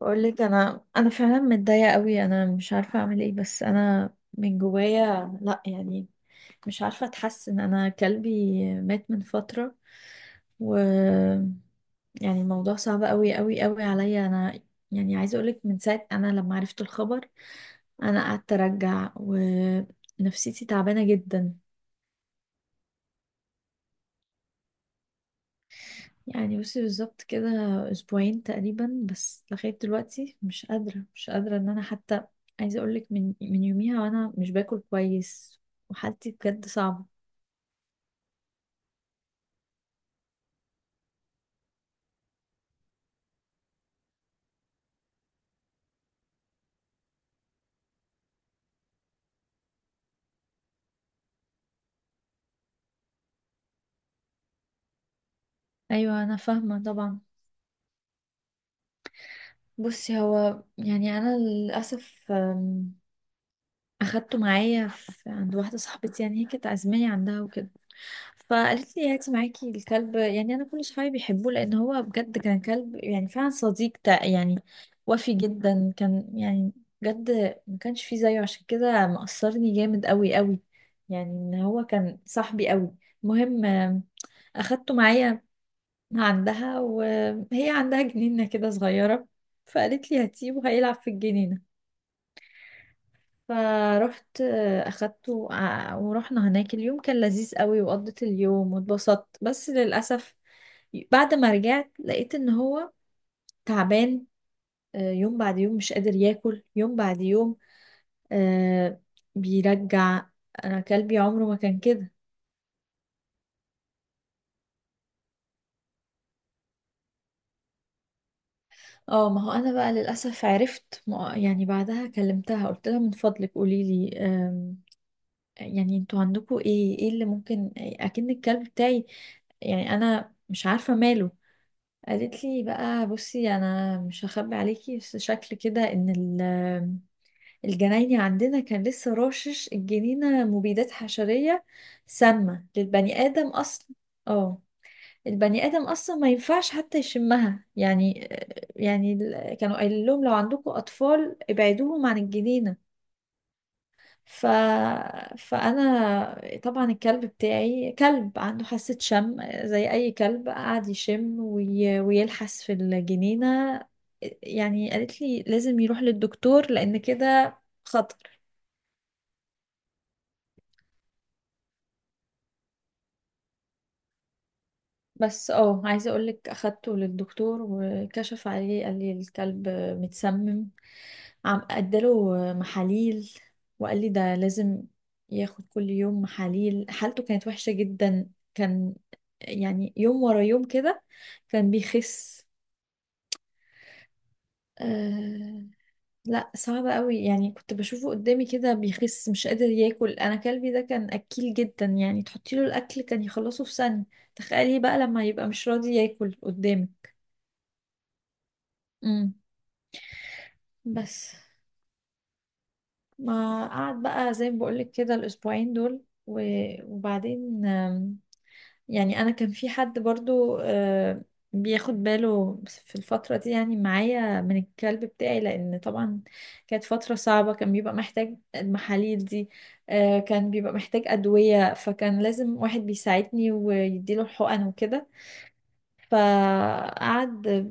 بقول لك انا فعلا متضايقه قوي، انا مش عارفه اعمل ايه، بس انا من جوايا لا يعني مش عارفه اتحسن. انا كلبي مات من فتره، و يعني الموضوع صعب قوي قوي قوي عليا انا. يعني عايزه اقولك من ساعه انا لما عرفت الخبر انا قعدت ارجع ونفسيتي تعبانه جدا. يعني بصي بالظبط كده اسبوعين تقريبا، بس لغايه دلوقتي مش قادره، مش قادره ان انا حتى. عايزه اقولك من يوميها وانا مش باكل كويس، وحالتي بجد صعبه. ايوه انا فاهمه طبعا. بصي هو يعني انا للاسف اخدته معايا عند واحده صاحبتي، يعني هي كانت عازماني عندها وكده، فقالت لي هاتي معاكي الكلب. يعني انا كل صحابي بيحبوه لان هو بجد كان كلب يعني فعلا صديق يعني، وفي جدا كان يعني بجد ما كانش فيه زيه، عشان كده مأثرني جامد قوي قوي، يعني ان هو كان صاحبي قوي. المهم اخدته معايا عندها، وهي عندها جنينة كده صغيرة، فقالت لي هاتيه وهيلعب في الجنينة. فروحت اخدته ورحنا هناك. اليوم كان لذيذ قوي وقضيت اليوم واتبسطت، بس للاسف بعد ما رجعت لقيت ان هو تعبان. يوم بعد يوم مش قادر ياكل، يوم بعد يوم آه، بيرجع. انا كلبي عمره ما كان كده. اه، ما هو انا بقى للاسف عرفت. يعني بعدها كلمتها قلت لها من فضلك قولي لي، يعني انتوا عندكم ايه اللي ممكن اكن الكلب بتاعي، يعني انا مش عارفه ماله. قالت لي بقى بصي، انا مش هخبي عليكي، بس شكل كده ان الجنايني عندنا كان لسه راشش الجنينه مبيدات حشريه سامه للبني ادم اصلا. اه، البني ادم اصلا ما ينفعش حتى يشمها يعني. يعني كانوا قايلين لهم لو عندكم اطفال ابعدوهم عن الجنينه. ف... فأنا طبعا الكلب بتاعي كلب عنده حاسة شم زي أي كلب، قعد يشم ويلحس في الجنينة. يعني قالت لي لازم يروح للدكتور لأن كده خطر. بس اه عايزة أقولك أخدته للدكتور وكشف عليه، قال لي الكلب متسمم. عم اداله محاليل وقال لي ده لازم ياخد كل يوم محاليل. حالته كانت وحشة جدا، كان يعني يوم ورا يوم كده كان بيخس. آه، لا صعبة قوي، يعني كنت بشوفه قدامي كده بيخس مش قادر ياكل. انا كلبي ده كان اكيل جدا، يعني تحطي له الاكل كان يخلصه في ثانية، تخيلي بقى لما يبقى مش راضي ياكل قدامي. امم، بس ما قعد بقى زي ما بقولك كده الاسبوعين دول وبعدين. يعني انا كان في حد برضو بياخد باله في الفترة دي يعني معايا من الكلب بتاعي، لان طبعا كانت فترة صعبة، كان بيبقى محتاج المحاليل دي. كان بيبقى محتاج أدوية، فكان لازم واحد بيساعدني ويديله الحقن وكده. فقعد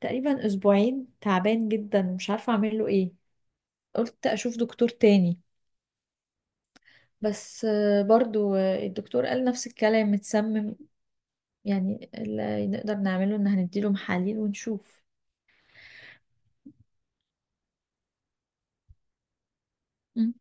تقريبا اسبوعين تعبان جدا ومش عارفة اعمل له ايه. قلت اشوف دكتور تاني، بس برضو الدكتور قال نفس الكلام، متسمم، يعني اللي نقدر نعمله ان هنديله محاليل ونشوف. مم.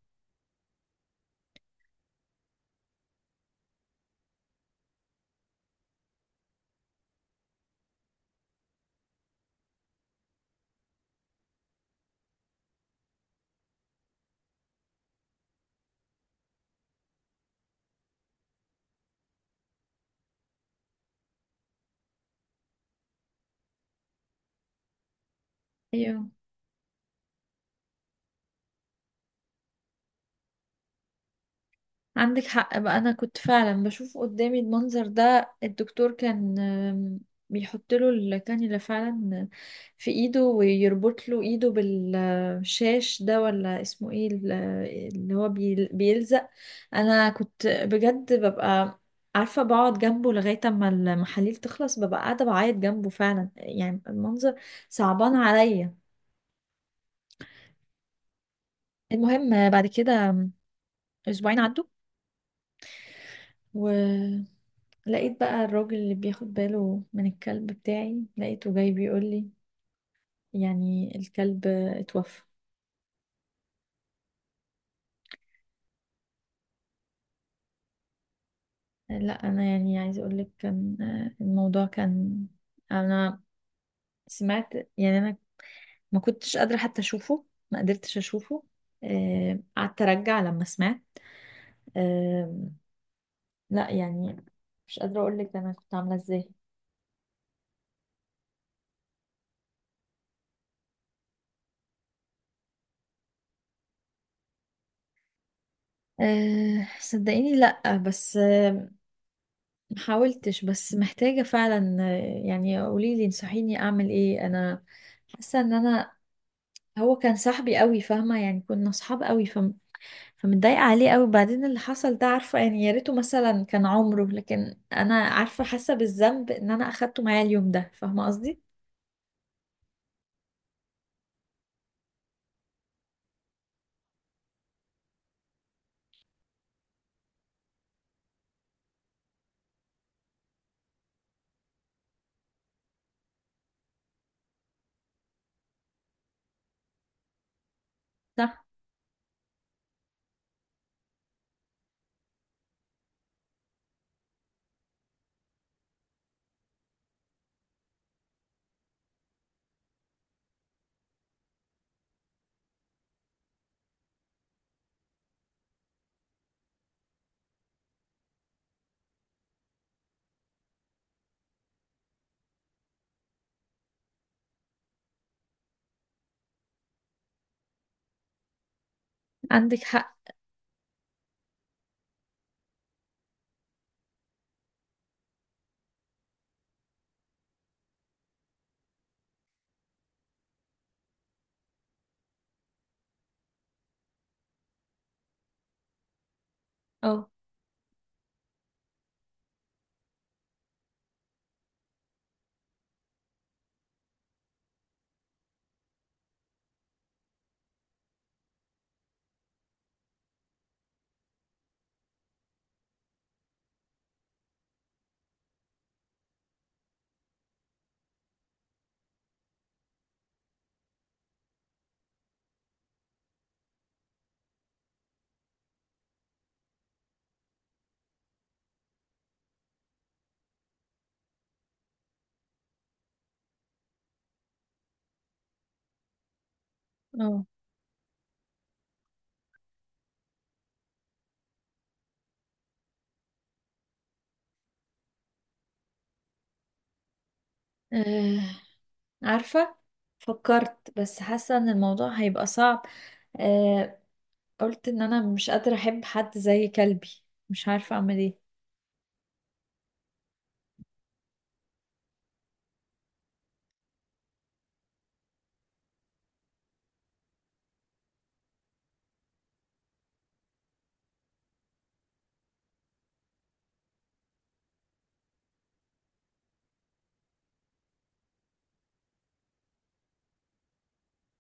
ايوه عندك حق بقى، انا كنت فعلا بشوف قدامي المنظر ده. الدكتور كان بيحط له الكانيولا فعلا في ايده، ويربط له ايده بالشاش ده، ولا اسمه ايه اللي هو بيلزق. انا كنت بجد ببقى عارفة، بقعد جنبه لغاية اما المحاليل تخلص، ببقى قاعدة بعيط جنبه فعلا، يعني المنظر صعبان عليا. المهم بعد كده اسبوعين عدوا، ولقيت بقى الراجل اللي بياخد باله من الكلب بتاعي لقيته جاي بيقول لي يعني الكلب اتوفى. لا انا يعني عايزه اقول لك كان الموضوع كان، انا سمعت، يعني انا ما كنتش قادره حتى اشوفه، ما قدرتش اشوفه. قعدت ارجع لما سمعت آه، لا يعني مش قادره اقول لك انا كنت عامله ازاي. صدقيني لا، بس محاولتش، بس محتاجة فعلا يعني قوليلي انصحيني اعمل ايه. انا حاسة ان انا، هو كان صاحبي قوي فاهمة، يعني كنا صحاب قوي، فمتضايقة عليه قوي. بعدين اللي حصل ده عارفة يعني، يا ريته مثلا كان عمره، لكن انا عارفة حاسة بالذنب ان انا اخدته معايا اليوم ده، فاهمة قصدي. صح، عندك حق اه. اه، آه، عارفة فكرت، بس حاسة ان الموضوع هيبقى صعب. آه، قلت ان انا مش قادرة احب حد زي كلبي، مش عارفة اعمل ايه.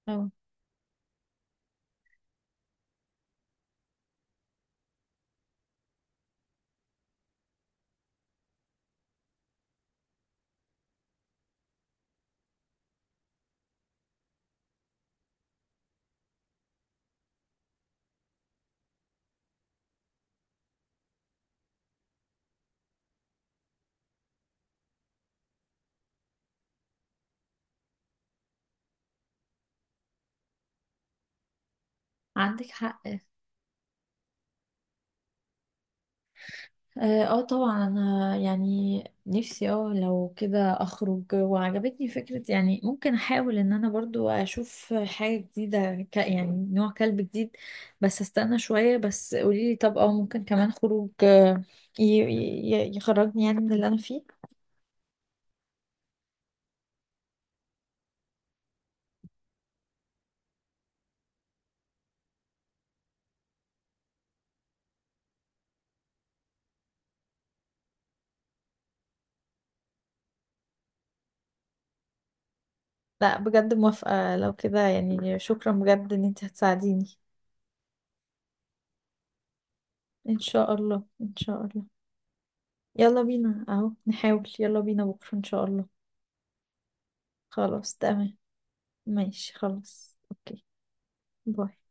اه عندك حق اه. آه طبعا انا يعني نفسي، اه لو كده اخرج. وعجبتني فكرة يعني ممكن احاول ان انا برضو اشوف حاجة جديدة، ك يعني نوع كلب جديد. بس استنى شوية، بس قوليلي طب اه ممكن كمان خروج ي- يخرجني يعني من اللي انا فيه. لا بجد موافقة، لو كده يعني شكرا بجد ان انت هتساعديني. ان شاء الله ان شاء الله. يلا بينا اهو نحاول، يلا بينا بكرة ان شاء الله. خلاص تمام. ماشي خلاص اوكي. باي